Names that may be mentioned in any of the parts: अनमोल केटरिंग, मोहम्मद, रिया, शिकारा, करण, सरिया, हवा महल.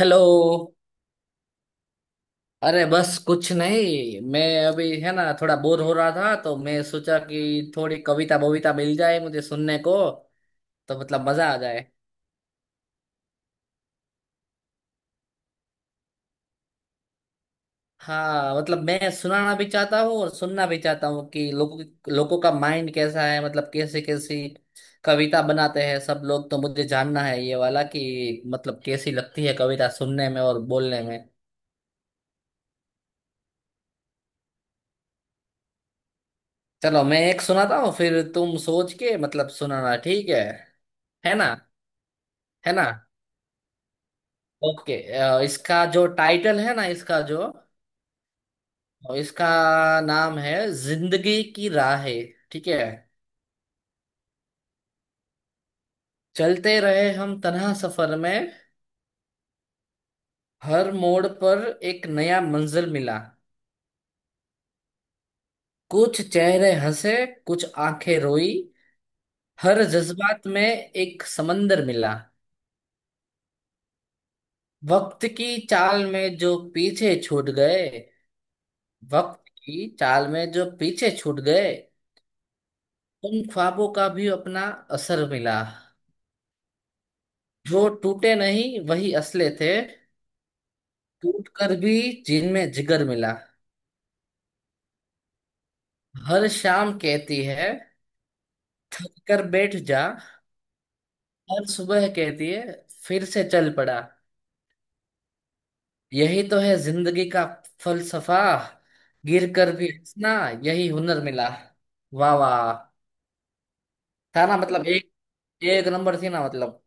Hello. अरे बस कुछ नहीं, मैं अभी है ना थोड़ा बोर हो रहा था, तो मैं सोचा कि थोड़ी कविता बविता मिल जाए मुझे सुनने को, तो मतलब मजा आ जाए। हाँ, मतलब मैं सुनाना भी चाहता हूँ और सुनना भी चाहता हूँ कि लोगों लोगों का माइंड कैसा है, मतलब कैसी कैसी कविता बनाते हैं सब लोग। तो मुझे जानना है ये वाला, कि मतलब कैसी लगती है कविता सुनने में और बोलने में। चलो मैं एक सुनाता हूँ, फिर तुम सोच के मतलब सुनाना, ठीक है? है ना? है ना? ओके। इसका जो टाइटल है ना, इसका नाम है, जिंदगी की राहें। ठीक है? चलते रहे हम तन्हा सफर में, हर मोड़ पर एक नया मंजिल मिला। कुछ चेहरे हंसे, कुछ आंखें रोई, हर जज्बात में एक समंदर मिला। वक्त की चाल में जो पीछे छूट गए वक्त की चाल में जो पीछे छूट गए उन ख्वाबों का भी अपना असर मिला। जो टूटे नहीं वही असले थे, टूट कर भी जिनमें जिगर मिला। हर शाम कहती है थक कर बैठ जा, हर सुबह कहती है फिर से चल पड़ा। यही तो है जिंदगी का फलसफा, गिर कर भी हंसना यही हुनर मिला। वाह वाह। था ना? मतलब एक एक नंबर थी ना मतलब।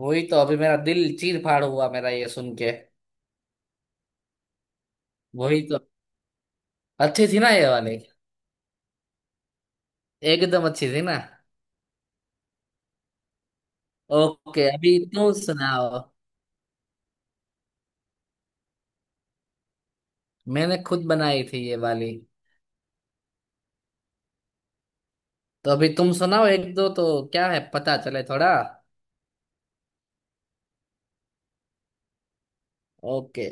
वही तो, अभी मेरा दिल चीर फाड़ हुआ मेरा ये सुन के। वही तो, अच्छी थी ना ये वाली, एकदम अच्छी थी ना। ओके, अभी तू सुनाओ। मैंने खुद बनाई थी ये वाली। तो अभी तुम सुनाओ एक दो तो, क्या है पता चले थोड़ा। ओके।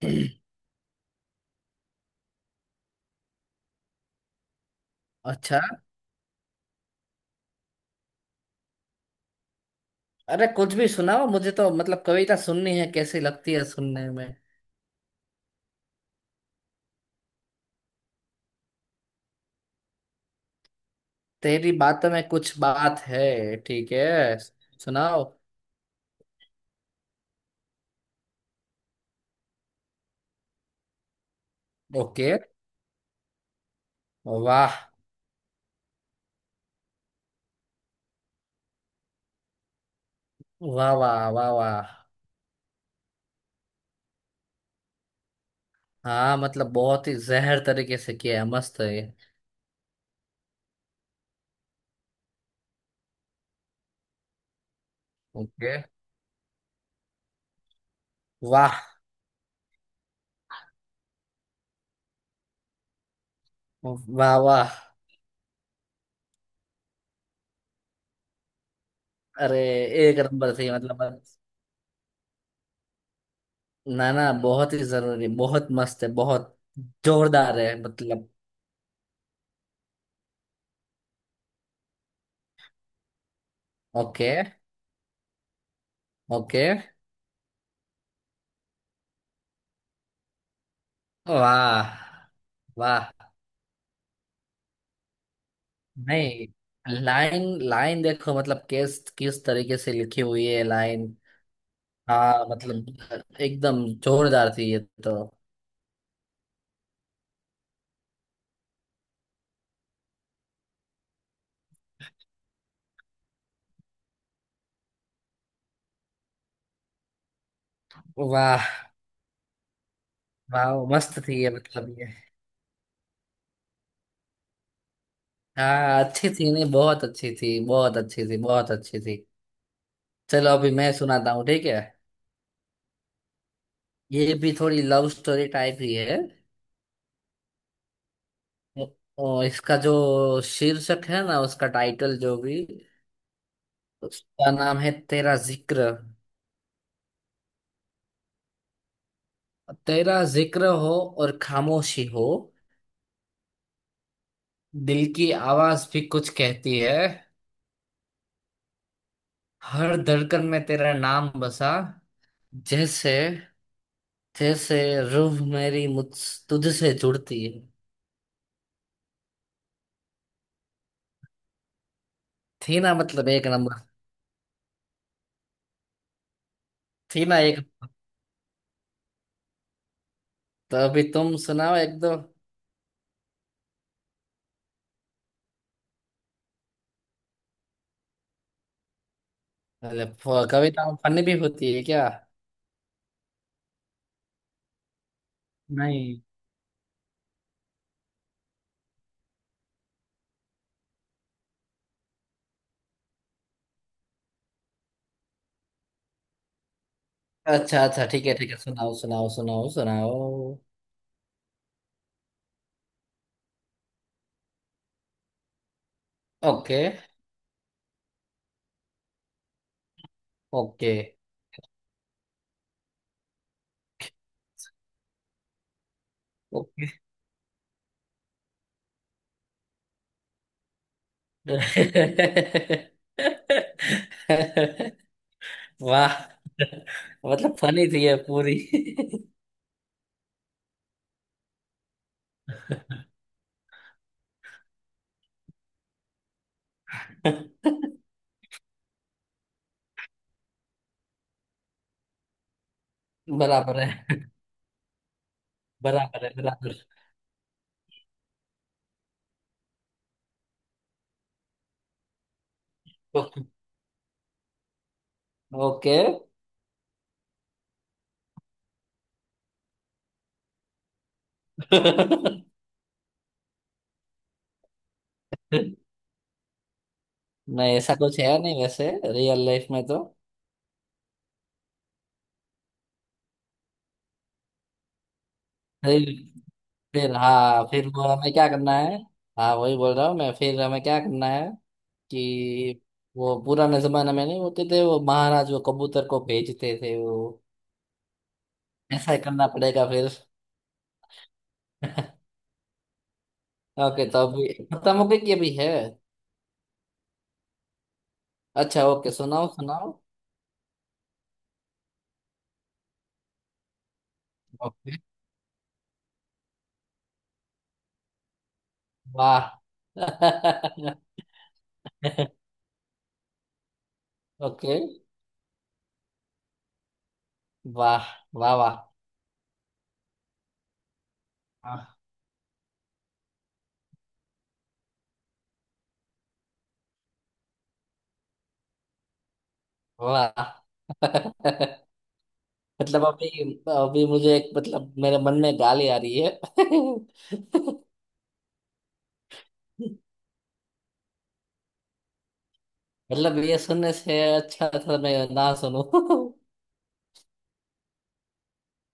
अच्छा। अरे कुछ भी सुनाओ, मुझे तो मतलब कविता सुननी है, कैसी लगती है सुनने में। तेरी बात में कुछ बात है, ठीक है सुनाओ। ओके। वाह। वाह वाह वाह वाह। हाँ मतलब बहुत ही जहर तरीके से किया है, मस्त है ये। ओके। वाह। वाह वाह। अरे एक नंबर थी मतलब। ना ना, बहुत ही जरूरी, बहुत मस्त है, बहुत जोरदार है मतलब। ओके। ओके। वाह। वाह। नहीं, लाइन लाइन देखो मतलब, किस किस तरीके से लिखी हुई है लाइन। हाँ मतलब एकदम जोरदार थी ये तो। वाह। वाह मस्त थी ये, मतलब ये। हाँ अच्छी थी, नहीं बहुत अच्छी थी, बहुत अच्छी थी, बहुत अच्छी थी। चलो अभी मैं सुनाता हूँ, ठीक है? ये भी थोड़ी लव स्टोरी टाइप ही है। और इसका जो शीर्षक है ना, उसका टाइटल जो भी, उसका नाम है तेरा जिक्र। तेरा जिक्र हो और खामोशी हो, दिल की आवाज भी कुछ कहती है। हर धड़कन में तेरा नाम बसा, जैसे जैसे रूह मेरी मुझ तुझसे जुड़ती है। थी ना मतलब एक नंबर? थी ना एक? तो अभी तुम सुनाओ एक दो। अरे कविता फनी भी होती है क्या? नहीं। अच्छा अच्छा, ठीक है ठीक है, सुनाओ सुनाओ सुनाओ सुनाओ। ओके। ओके। ओके। वाह, मतलब फनी थी ये पूरी। बराबर है। बराबर है बराबर। ओके। नहीं ऐसा कुछ है नहीं वैसे रियल लाइफ में तो। फिर। फिर हाँ, फिर वो हमें क्या करना है? हाँ वही बोल रहा हूँ मैं, फिर हमें क्या करना है? कि वो पुराने जमाने में नहीं होते थे वो महाराज, वो कबूतर को भेजते थे वो, ऐसा ही करना पड़ेगा फिर। ओके, तो अभी खत्म हो गई कि अभी है? अच्छा ओके, सुनाओ सुनाओ। ओके। वाह। ओके। वाह वाह वाह वाह। मतलब अभी, अभी मुझे एक, मतलब मेरे मन में गाली आ रही है। मतलब ये सुनने से अच्छा था मैं ना सुनूं।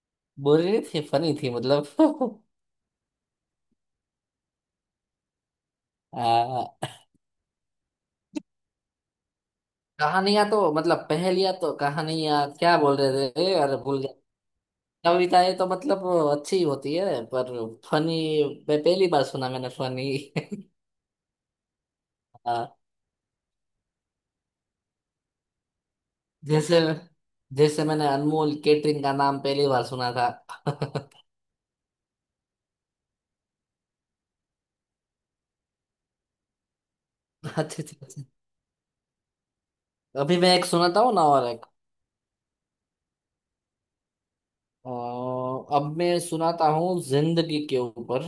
बुरी नहीं थी, फनी थी मतलब। आ, कहानियां तो मतलब, पहेलियां तो कहानियां क्या बोल रहे थे, अरे भूल गया। कविताएं तो मतलब अच्छी होती है, पर फनी मैं पहली बार सुना, मैंने फनी। आ, जैसे जैसे मैंने अनमोल केटरिंग का नाम पहली बार सुना था। अच्छा अच्छा। अच्छा। अभी मैं एक सुनाता हूँ ना और एक। अ, अब मैं सुनाता हूँ जिंदगी के ऊपर।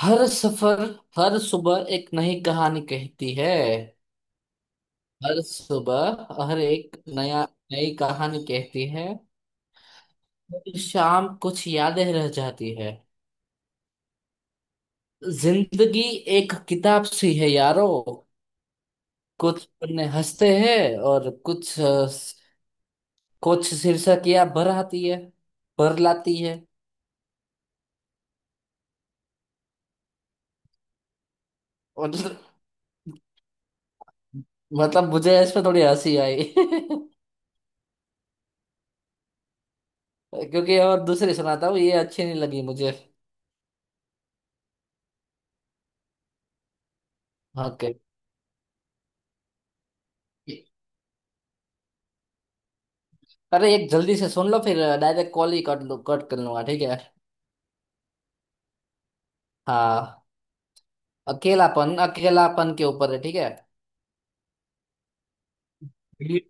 हर सफर, हर सुबह एक नई कहानी कहती है हर सुबह हर एक नया नई कहानी कहती है। हर शाम कुछ यादें रह जाती है। जिंदगी एक किताब सी है यारो, कुछ पन्ने हंसते हैं और कुछ शीर्षक या भर लाती है। और मतलब मुझे इस पे थोड़ी हंसी आई। क्योंकि और दूसरी सुनाता हूँ, ये अच्छी नहीं लगी मुझे। ओके। अरे एक जल्दी से सुन लो, फिर डायरेक्ट कॉल ही कट लो, कट कर लूंगा, ठीक है? हाँ, अकेलापन अकेलापन के ऊपर है, ठीक है? भीड़।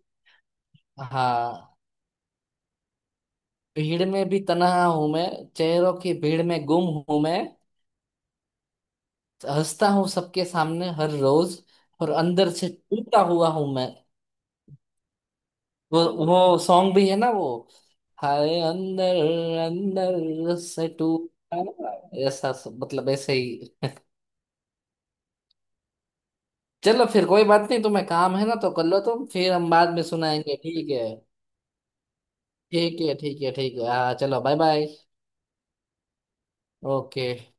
हाँ, भीड़ में भी तन्हा हूं मैं, चेहरों की भीड़ में गुम हूं मैं। हंसता हूँ सबके सामने हर रोज, और अंदर से टूटा हुआ हूं मैं। वो वो सॉन्ग भी है ना वो, हाय अंदर अंदर से टूटा हुआ", ऐसा मतलब ऐसे ही। चलो फिर कोई बात नहीं, तुम्हें काम है ना तो कर लो तुम, फिर हम बाद में सुनाएंगे, ठीक है? ठीक है ठीक है ठीक है हाँ, चलो बाय बाय। ओके।